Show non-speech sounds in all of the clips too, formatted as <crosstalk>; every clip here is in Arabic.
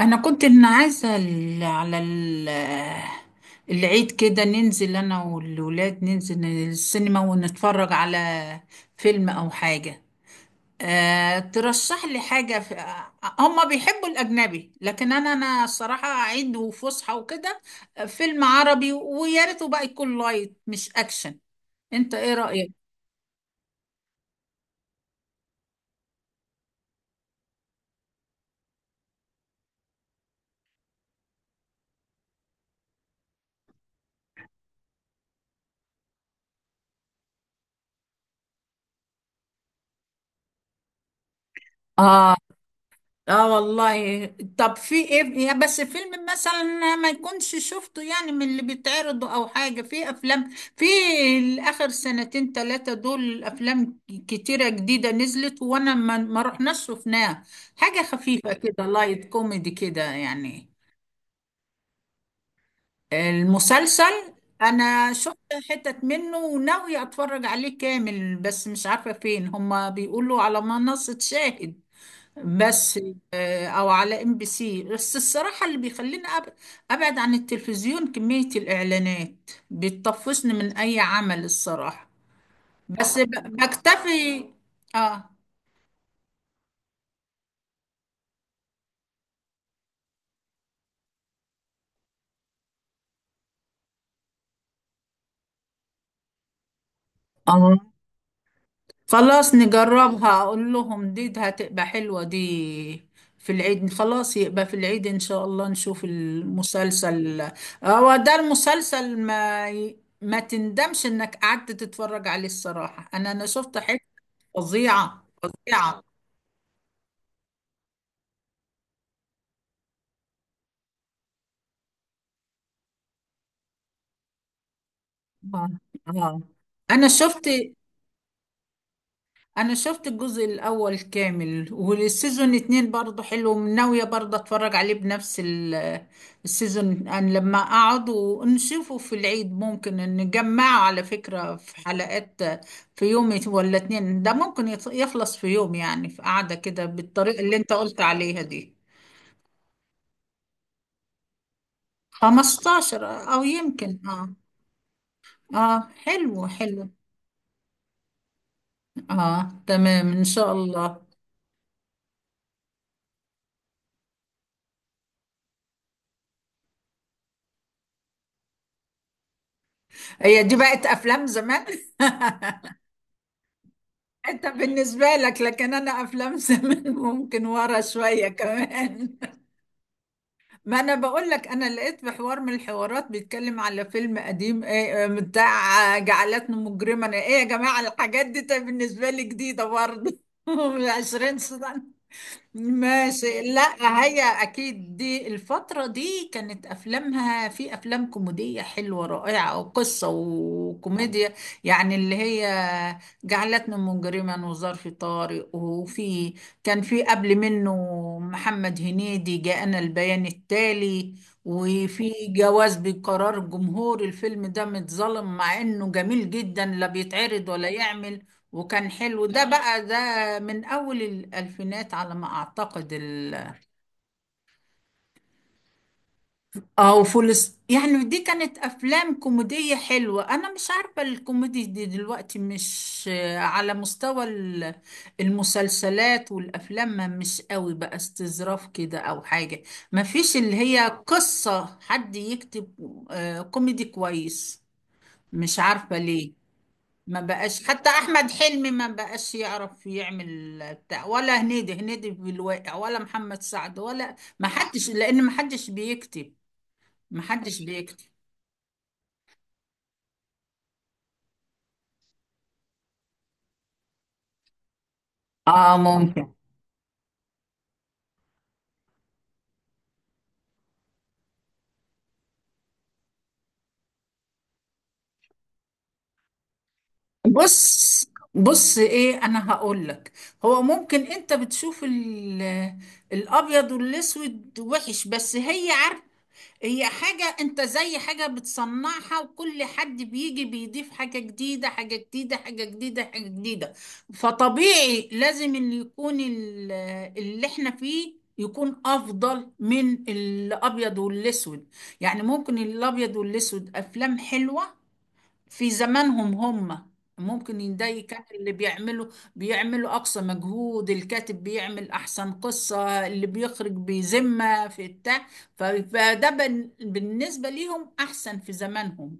انا كنت إن عايزه على العيد كده، ننزل انا والولاد، ننزل السينما ونتفرج على فيلم او حاجه. أه، ترشح لي حاجه هما بيحبوا الاجنبي، لكن انا الصراحه عيد وفسحه وكده. فيلم عربي، ويا ريته بقى يكون لايت مش اكشن. انت ايه رايك؟ اه، اه والله. طب في ايه يا بس؟ فيلم مثلا ما يكونش شفته يعني، من اللي بيتعرضوا او حاجة، في افلام في الاخر سنتين ثلاثة، دول افلام كتيرة جديدة نزلت وانا ما رحناش شفناها. حاجة خفيفة كده، لايت كوميدي كده يعني. المسلسل انا شفت حتت منه وناوية اتفرج عليه كامل، بس مش عارفة فين، هما بيقولوا على منصة شاهد بس. او على ام بي سي، بس الصراحه اللي بيخليني ابعد عن التلفزيون كميه الاعلانات، بتطفشني من اي عمل الصراحه. بس ب- بكتفي. اه. اه، خلاص نجربها، اقول لهم دي، ده هتبقى حلوه دي في العيد. خلاص يبقى في العيد ان شاء الله نشوف المسلسل. هو ده المسلسل، ما ما تندمش انك قعدت تتفرج عليه الصراحه، انا شفت فظيعة فظيعة. آه. آه. أنا شفت أنا شفت الجزء الأول كامل، والسيزون اتنين برضه حلو، ناوية برضه أتفرج عليه بنفس السيزون. أنا لما أقعد ونشوفه في العيد، ممكن نجمعه على فكرة في حلقات في يوم ولا اتنين، ده ممكن يخلص في يوم، يعني في قعدة كده بالطريقة اللي أنت قلت عليها دي. 15، أو يمكن آه. آه، حلو حلو. آه تمام إن شاء الله. هي دي بقت افلام زمان؟ <laughs> انت بالنسبه لك، لكن انا افلام زمان <laughs> ممكن ورا شويه كمان. ما انا بقول لك، انا لقيت في حوار من الحوارات بيتكلم على فيلم قديم ايه، بتاع جعلتني مجرما. ايه يا جماعه الحاجات دي؟ طيب بالنسبه لي جديده برضه <laughs> من 20 سنه. ماشي، لا هي اكيد دي الفترة دي كانت افلامها، في افلام كوميدية حلوة رائعة، وقصة وكوميديا يعني. اللي هي جعلتني مجرما وظرف طارق، وفي كان في قبل منه محمد هنيدي جاءنا البيان التالي، وفي جواز بقرار جمهور. الفيلم ده متظلم، مع انه جميل جدا، لا بيتعرض ولا يعمل. وكان حلو ده بقى، ده من أول الألفينات على ما أعتقد. ال اه وفولس، يعني دي كانت أفلام كوميدية حلوة. أنا مش عارفة الكوميدي دي دلوقتي مش على مستوى المسلسلات والأفلام، ما مش قوي بقى، استظراف كده أو حاجة، ما فيش اللي هي قصة حد يكتب كوميدي كويس. مش عارفة ليه. ما بقاش حتى احمد حلمي ما بقاش يعرف يعمل بتاع، ولا هنيدي، هنيدي في الواقع، ولا محمد سعد، ولا ما حدش، لان ما حدش بيكتب. اه، ممكن. بص، بص ايه انا هقول لك، هو ممكن انت بتشوف الابيض والاسود وحش، بس هي عارفه، هي حاجة انت زي حاجة بتصنعها، وكل حد بيجي بيضيف حاجة جديدة حاجة جديدة حاجة جديدة حاجة جديدة. فطبيعي لازم اللي يكون اللي احنا فيه يكون افضل من الابيض والاسود. يعني ممكن الابيض والاسود افلام حلوة في زمانهم هم، ممكن ده كان اللي بيعملوا أقصى مجهود، الكاتب بيعمل أحسن قصة، اللي بيخرج بذمة في بتاع. فده بالنسبة ليهم أحسن في زمانهم،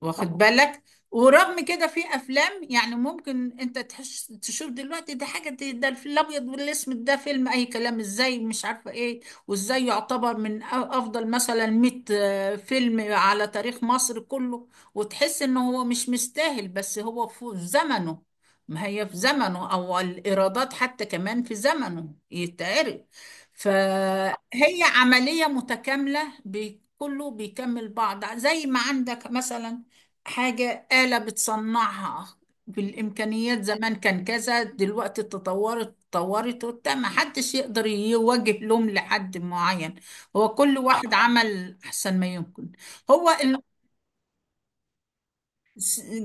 واخد بالك؟ ورغم كده في افلام، يعني ممكن انت تحس تشوف دلوقتي، ده حاجه ده الفيل الابيض والاسود، ده فيلم اي كلام، ازاي مش عارفه ايه؟ وازاي يعتبر من افضل مثلا 100 فيلم على تاريخ مصر كله، وتحس ان هو مش مستاهل. بس هو في زمنه، ما هي في زمنه، او الايرادات حتى كمان في زمنه يتعرض. فهي عمليه متكامله، كله بيكمل بعض، زي ما عندك مثلا حاجة آلة بتصنعها. بالإمكانيات زمان كان كذا، دلوقتي تطورت تطورت وبتاع، ما حدش يقدر يوجه لوم لحد معين. هو كل واحد عمل أحسن ما يمكن. هو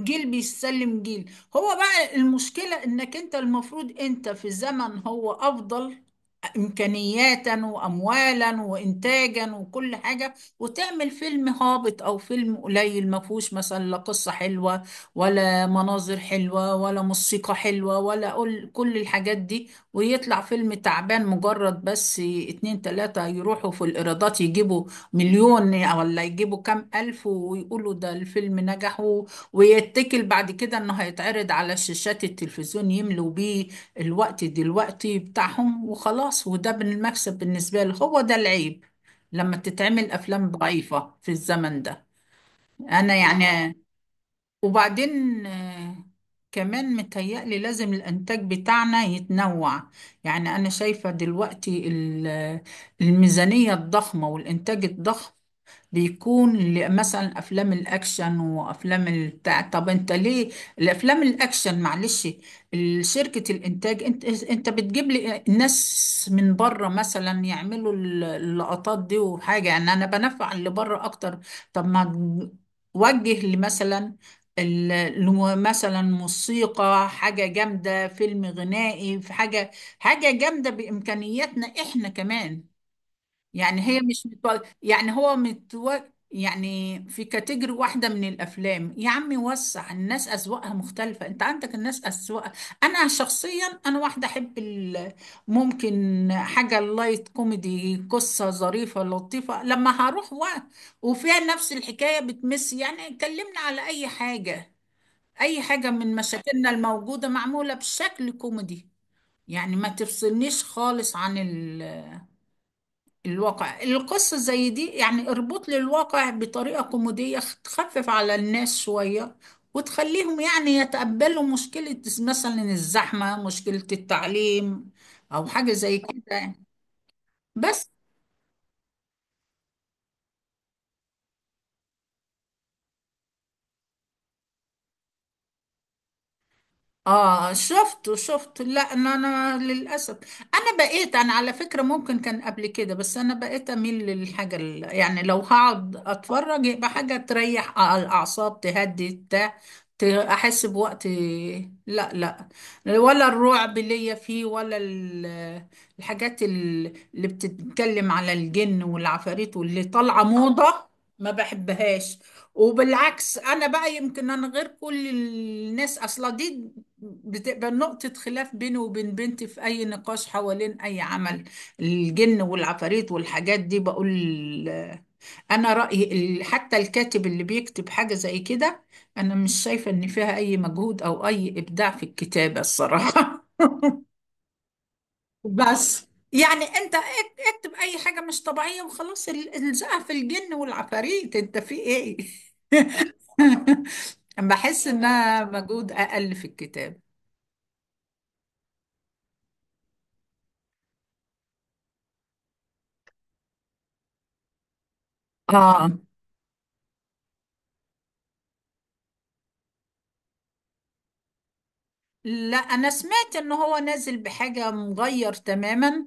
جيل بيسلم جيل. هو بقى المشكلة إنك أنت المفروض أنت في زمن هو أفضل إمكانياتا وأموالا وإنتاجا وكل حاجة، وتعمل فيلم هابط أو فيلم قليل ما فيهوش مثلا لا قصة حلوة، ولا مناظر حلوة، ولا موسيقى حلوة، ولا كل الحاجات دي، ويطلع فيلم تعبان. مجرد بس اتنين تلاتة يروحوا في الإيرادات يجيبوا مليون، ولا يجيبوا كام ألف، ويقولوا ده الفيلم نجح، ويتكل بعد كده إنه هيتعرض على شاشات التلفزيون يملوا بيه الوقت دلوقتي بتاعهم وخلاص، وده بالمكسب بالنسبة لي هو ده العيب، لما تتعمل أفلام ضعيفة في الزمن ده. أنا يعني، وبعدين كمان متهيألي لازم الإنتاج بتاعنا يتنوع. يعني أنا شايفة دلوقتي الميزانية الضخمة والإنتاج الضخم بيكون مثلا افلام الاكشن وافلام البتاع. طب انت ليه الافلام الاكشن؟ معلش شركة الانتاج، انت بتجيب لي ناس من بره مثلا يعملوا اللقطات دي، وحاجة يعني انا بنفع اللي بره اكتر. طب ما وجه لي مثلا مثلا موسيقى حاجة جامدة، فيلم غنائي، في حاجة حاجة جامدة بإمكانياتنا احنا كمان. يعني هي مش متو... يعني هو متو... يعني في كاتيجوري واحدة من الأفلام يا عمي، وسع، الناس أذواقها مختلفة، أنت عندك الناس أذواق. أنا شخصيا، أنا واحدة أحب ال... ممكن حاجة لايت كوميدي، قصة ظريفة لطيفة، لما هروح و... وفيها نفس الحكاية، بتمس يعني، كلمنا على أي حاجة، أي حاجة من مشاكلنا الموجودة معمولة بشكل كوميدي. يعني ما تفصلنيش خالص عن الواقع، القصة زي دي يعني اربط لي الواقع بطريقة كوميدية، تخفف على الناس شوية، وتخليهم يعني يتقبلوا مشكلة مثلا الزحمة، مشكلة التعليم، أو حاجة زي كده يعني. بس اه، شفته شفته، لا انا للاسف، انا بقيت، انا على فكره ممكن كان قبل كده، بس انا بقيت اميل للحاجه يعني لو هقعد اتفرج يبقى حاجه تريح الاعصاب، تهدي بتاع، احس بوقت. لا لا، ولا الرعب ليا فيه، ولا الحاجات اللي بتتكلم على الجن والعفاريت واللي طالعه موضه، ما بحبهاش. وبالعكس انا بقى يمكن انا غير كل الناس اصلا، دي بتبقى نقطة خلاف بينه وبين بنتي في أي نقاش حوالين أي عمل، الجن والعفاريت والحاجات دي. بقول أنا رأيي حتى الكاتب اللي بيكتب حاجة زي كده، أنا مش شايفة إن فيها أي مجهود أو أي إبداع في الكتابة الصراحة. <laughs> بس يعني أنت اكتب أي حاجة مش طبيعية وخلاص، الزقها في الجن والعفاريت، أنت في إيه؟ <laughs> بحس إنها مجهود أقل في الكتاب. اه، لا انا سمعت ان هو نازل بحاجة مغير تماما،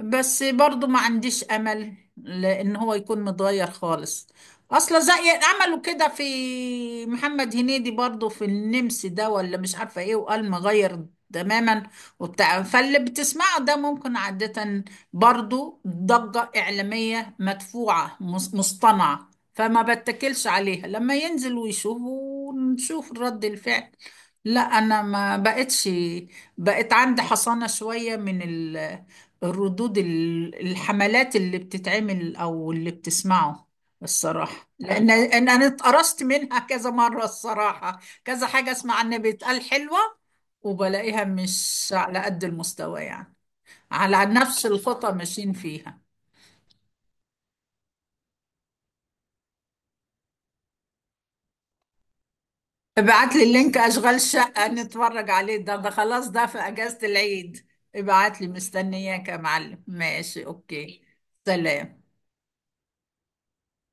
بس برضو ما عنديش امل لان هو يكون متغير خالص اصلا، زي عملوا كده في محمد هنيدي برضو في النمس ده، ولا مش عارفة ايه، وقال مغير تماما وبتاع، فاللي بتسمعه ده ممكن عادة برضو ضجة إعلامية مدفوعة مصطنعة، فما بتكلش عليها، لما ينزل ويشوف ونشوف رد الفعل. لا، انا ما بقتش، بقت عندي حصانة شوية من الردود الحملات اللي بتتعمل او اللي بتسمعه الصراحة، لان انا اتقرصت منها <laughs> كذا مرة الصراحة، كذا حاجة اسمع عنها بيتقال حلوة، وبلاقيها مش على قد المستوى يعني، على نفس الخطى ماشيين فيها. ابعت لي اللينك اشغال شقة نتفرج عليه، ده خلاص ده في اجازة العيد. ابعت لي، مستنياك يا معلم، ماشي اوكي. سلام.